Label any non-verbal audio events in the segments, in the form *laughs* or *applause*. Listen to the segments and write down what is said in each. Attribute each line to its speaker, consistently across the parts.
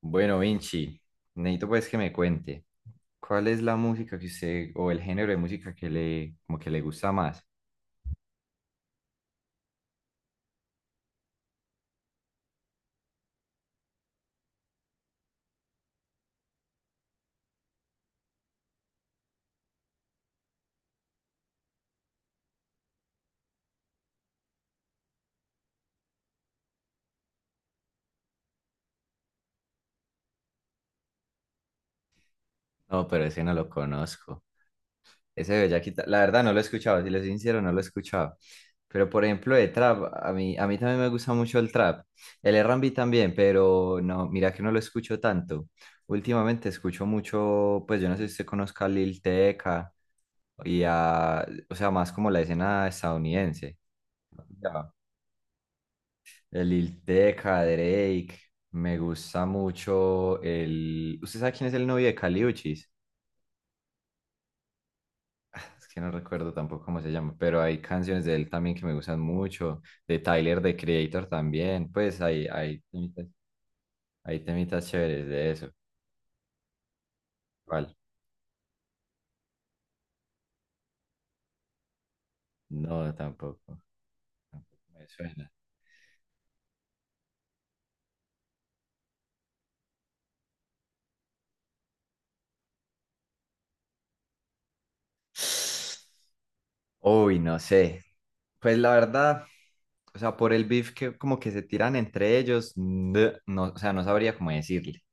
Speaker 1: Bueno, Vinci, necesito pues que me cuente, ¿cuál es la música que usted, o el género de música que le, como que le gusta más? No, pero ese no lo conozco. Ese de Bellaquita, la verdad no lo he escuchado, si le soy sincero, no lo he escuchado. Pero por ejemplo, de trap, a mí también me gusta mucho el trap. El R&B también, pero no, mira que no lo escucho tanto. Últimamente escucho mucho, pues yo no sé si usted conozca a Lil Tecca y a, o sea, más como la escena estadounidense. El Lil Tecca, Drake. Me gusta mucho el. ¿Usted sabe quién es el novio de Kali Uchis? Ah, *laughs* es que no recuerdo tampoco cómo se llama, pero hay canciones de él también que me gustan mucho. De Tyler, de Creator también. Pues hay temitas chéveres de eso. ¿Cuál? No, tampoco. Tampoco me suena. Uy, no sé. Pues la verdad, o sea, por el beef que como que se tiran entre ellos, no, no, o sea, no sabría cómo decirle.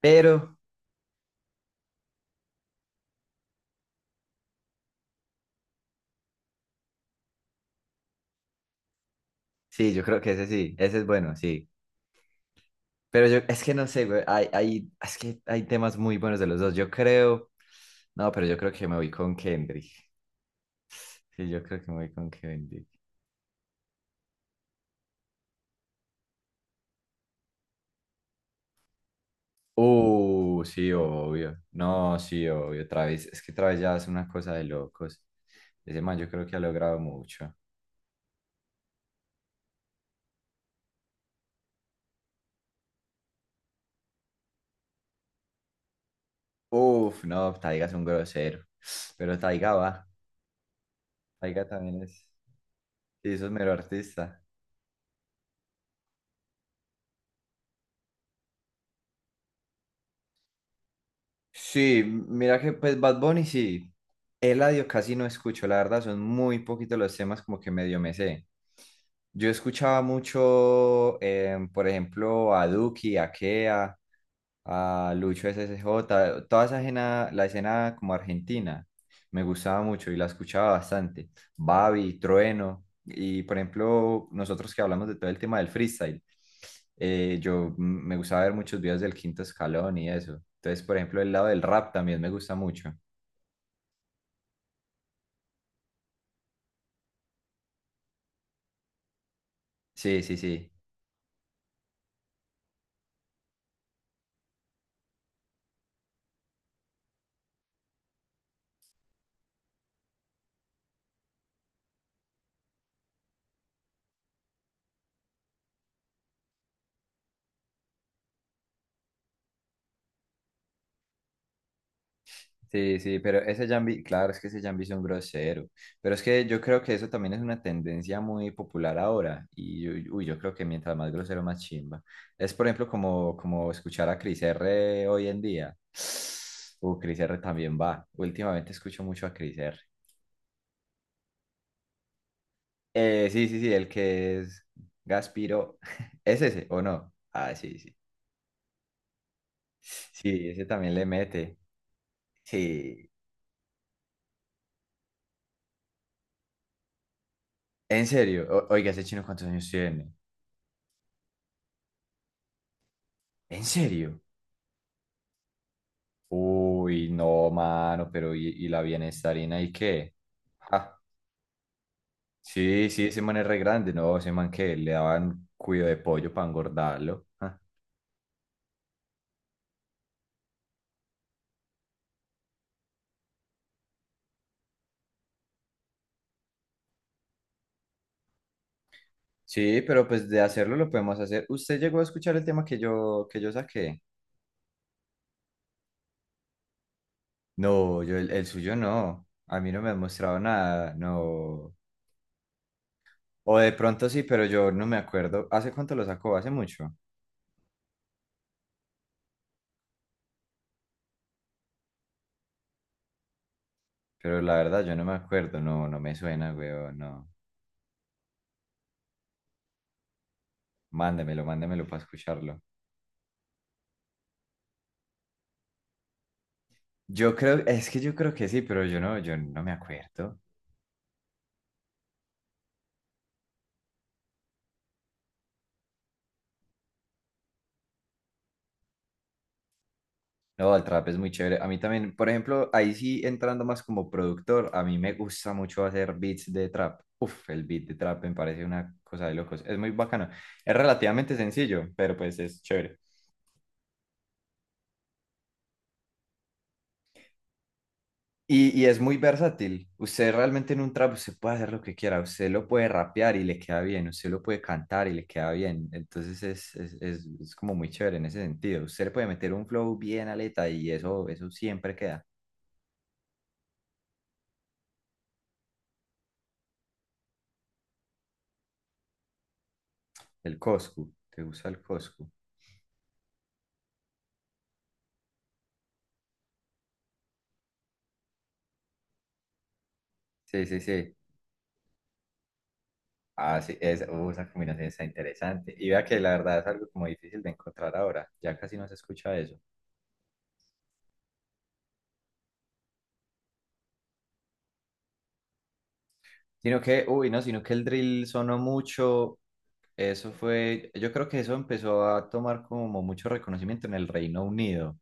Speaker 1: Pero. Sí, yo creo que ese sí, ese es bueno, sí. Pero yo, es que no sé, güey, es que hay temas muy buenos de los dos. Yo creo, no, pero yo creo que me voy con Kendrick. Sí, yo creo que me voy con Kendrick. Sí, obvio. No, sí, obvio. Travis, es que Travis ya es una cosa de locos. Ese man yo creo que ha logrado mucho. Uf, no, Taiga es un grosero. Pero Taiga va, Taiga también es, sí, eso es mero artista. Sí, mira que pues Bad Bunny sí, Eladio casi no escucho, la verdad son muy poquitos los temas como que medio me sé. Yo escuchaba mucho, por ejemplo, a Duki, a Kea, a Lucho SSJ toda esa escena, la escena como argentina, me gustaba mucho y la escuchaba bastante. Babi, Trueno, y por ejemplo, nosotros que hablamos de todo el tema del freestyle, me gustaba ver muchos videos del Quinto Escalón y eso. Entonces, por ejemplo, el lado del rap también me gusta mucho. Sí, sí, sí. Sí, sí, pero ese Jambi, claro, es que ese Jambi es un grosero, pero es que yo creo que eso también es una tendencia muy popular ahora y uy, uy, yo creo que mientras más grosero, más chimba. Es por ejemplo como escuchar a Cris R hoy en día. *sniffs* Cris R también va. Últimamente escucho mucho a Cris R. Sí, sí, sí, el que es Gaspiro, *laughs* ¿es ese o no? Ah, sí, sí. Sí, ese también le mete. Sí. En serio, oiga, ¿ese chino cuántos años tiene? ¿En serio? Uy, no, mano, pero ¿y la bienestarina y qué? Ja, sí, sí, ese man es re grande, no, ese man que le daban cuido de pollo para engordarlo, ja. Sí, pero pues de hacerlo lo podemos hacer. ¿Usted llegó a escuchar el tema que yo saqué? No, yo el suyo no. A mí no me han mostrado nada, no. O de pronto sí, pero yo no me acuerdo. ¿Hace cuánto lo sacó? Hace mucho. Pero la verdad yo no me acuerdo, no, no me suena, weón, no. Mándemelo, mándemelo para escucharlo. Es que yo creo que sí, pero yo no me acuerdo. No, el trap es muy chévere. A mí también, por ejemplo, ahí sí entrando más como productor, a mí me gusta mucho hacer beats de trap. Uf, el beat de trap me parece una cosa de locos. Es muy bacano. Es relativamente sencillo, pero pues es chévere. Y es muy versátil. Usted realmente en un trap usted puede hacer lo que quiera. Usted lo puede rapear y le queda bien. Usted lo puede cantar y le queda bien. Entonces es como muy chévere en ese sentido. Usted le puede meter un flow bien aleta y eso siempre queda. El Coscu. ¿Te gusta el Coscu? Sí, sí, sí. Ah, sí. Esa combinación está interesante. Y vea que la verdad es algo como difícil de encontrar ahora. Ya casi no se escucha eso. No, sino que el drill sonó mucho. Eso fue, yo creo que eso empezó a tomar como mucho reconocimiento en el Reino Unido,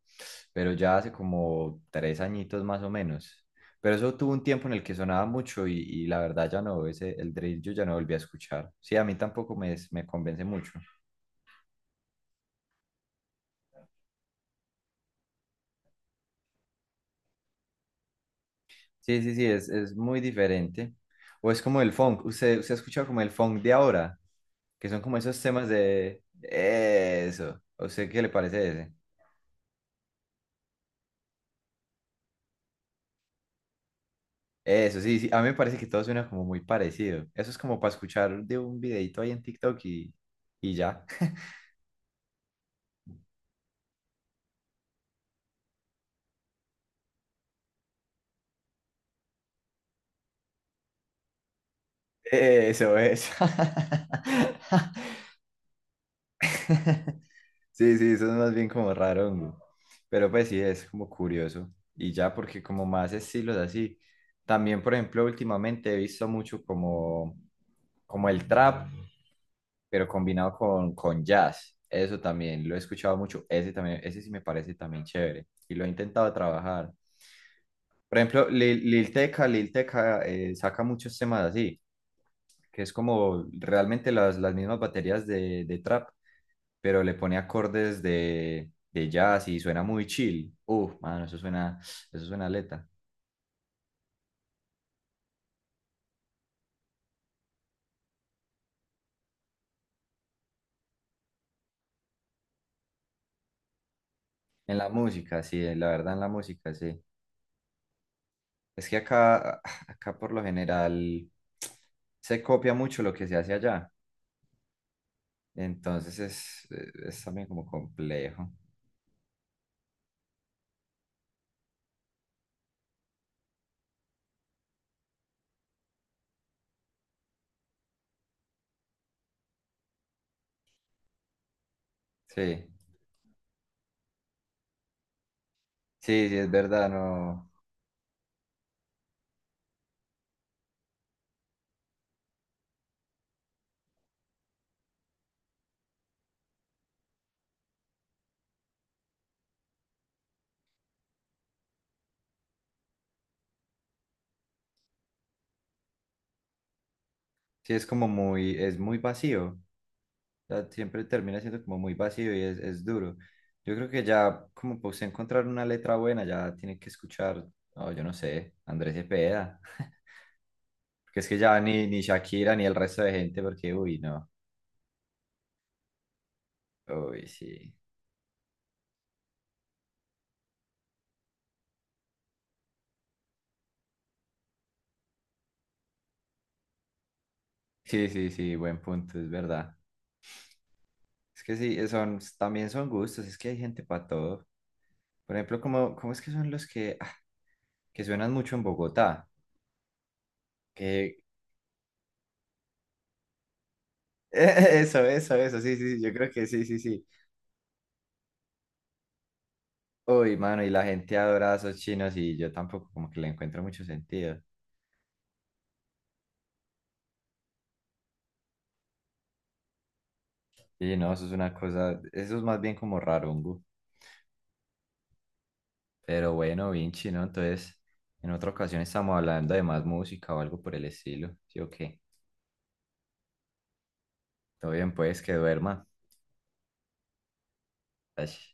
Speaker 1: pero ya hace como 3 añitos más o menos. Pero eso tuvo un tiempo en el que sonaba mucho y la verdad ya no, ese, el drill yo ya no volví a escuchar. Sí, a mí tampoco me convence mucho. Sí, sí, sí, es muy diferente. O es como el funk, usted ha escuchado como el funk de ahora, que son como esos temas de. Eso, ¿a usted qué le parece ese? Eso, sí, sí, a mí me parece que todo suena como muy parecido. Eso es como para escuchar de un videito ahí en TikTok y ya. *laughs* Eso es. *laughs* Sí, sí, eso es más bien como raro, hongo. Pero pues sí, es como curioso. Y ya, porque como más estilos así. También, por ejemplo, últimamente he visto mucho como, el trap, pero combinado con jazz. Eso también lo he escuchado mucho. Ese también, ese sí me parece también chévere. Y lo he intentado trabajar. Por ejemplo, Lil Tecca, saca muchos temas así, que es como realmente las, mismas baterías de trap, pero le pone acordes de jazz y suena muy chill. Uf, mano, eso suena aleta. En la música, sí, la verdad en la música, sí. Es que acá, *sighs* acá por lo general se copia mucho lo que se hace allá. Entonces es también como complejo. Sí, sí, sí, es verdad, no. Sí, es muy vacío. O sea, siempre termina siendo como muy vacío y es duro. Yo creo que ya, como para usted encontrar una letra buena, ya tiene que escuchar, oh, yo no sé, Andrés Cepeda. *laughs* Porque es que ya ni Shakira ni el resto de gente, porque, uy, no. Uy, sí. Sí, sí, sí, buen punto, es verdad. Es que sí, también son gustos, es que hay gente para todo. Por ejemplo, ¿Cómo es que son los que, ah, que suenan mucho en Bogotá? Que, *laughs* eso, sí, sí, sí, yo creo que sí, sí, sí. Uy, mano, y la gente adora a esos chinos y yo tampoco como que le encuentro mucho sentido. Y no, eso es una cosa, eso es más bien como rarungo. Pero bueno, Vinci, ¿no? Entonces, en otra ocasión estamos hablando de más música o algo por el estilo. Sí, ok. Todo bien, pues, que duerma. Ay.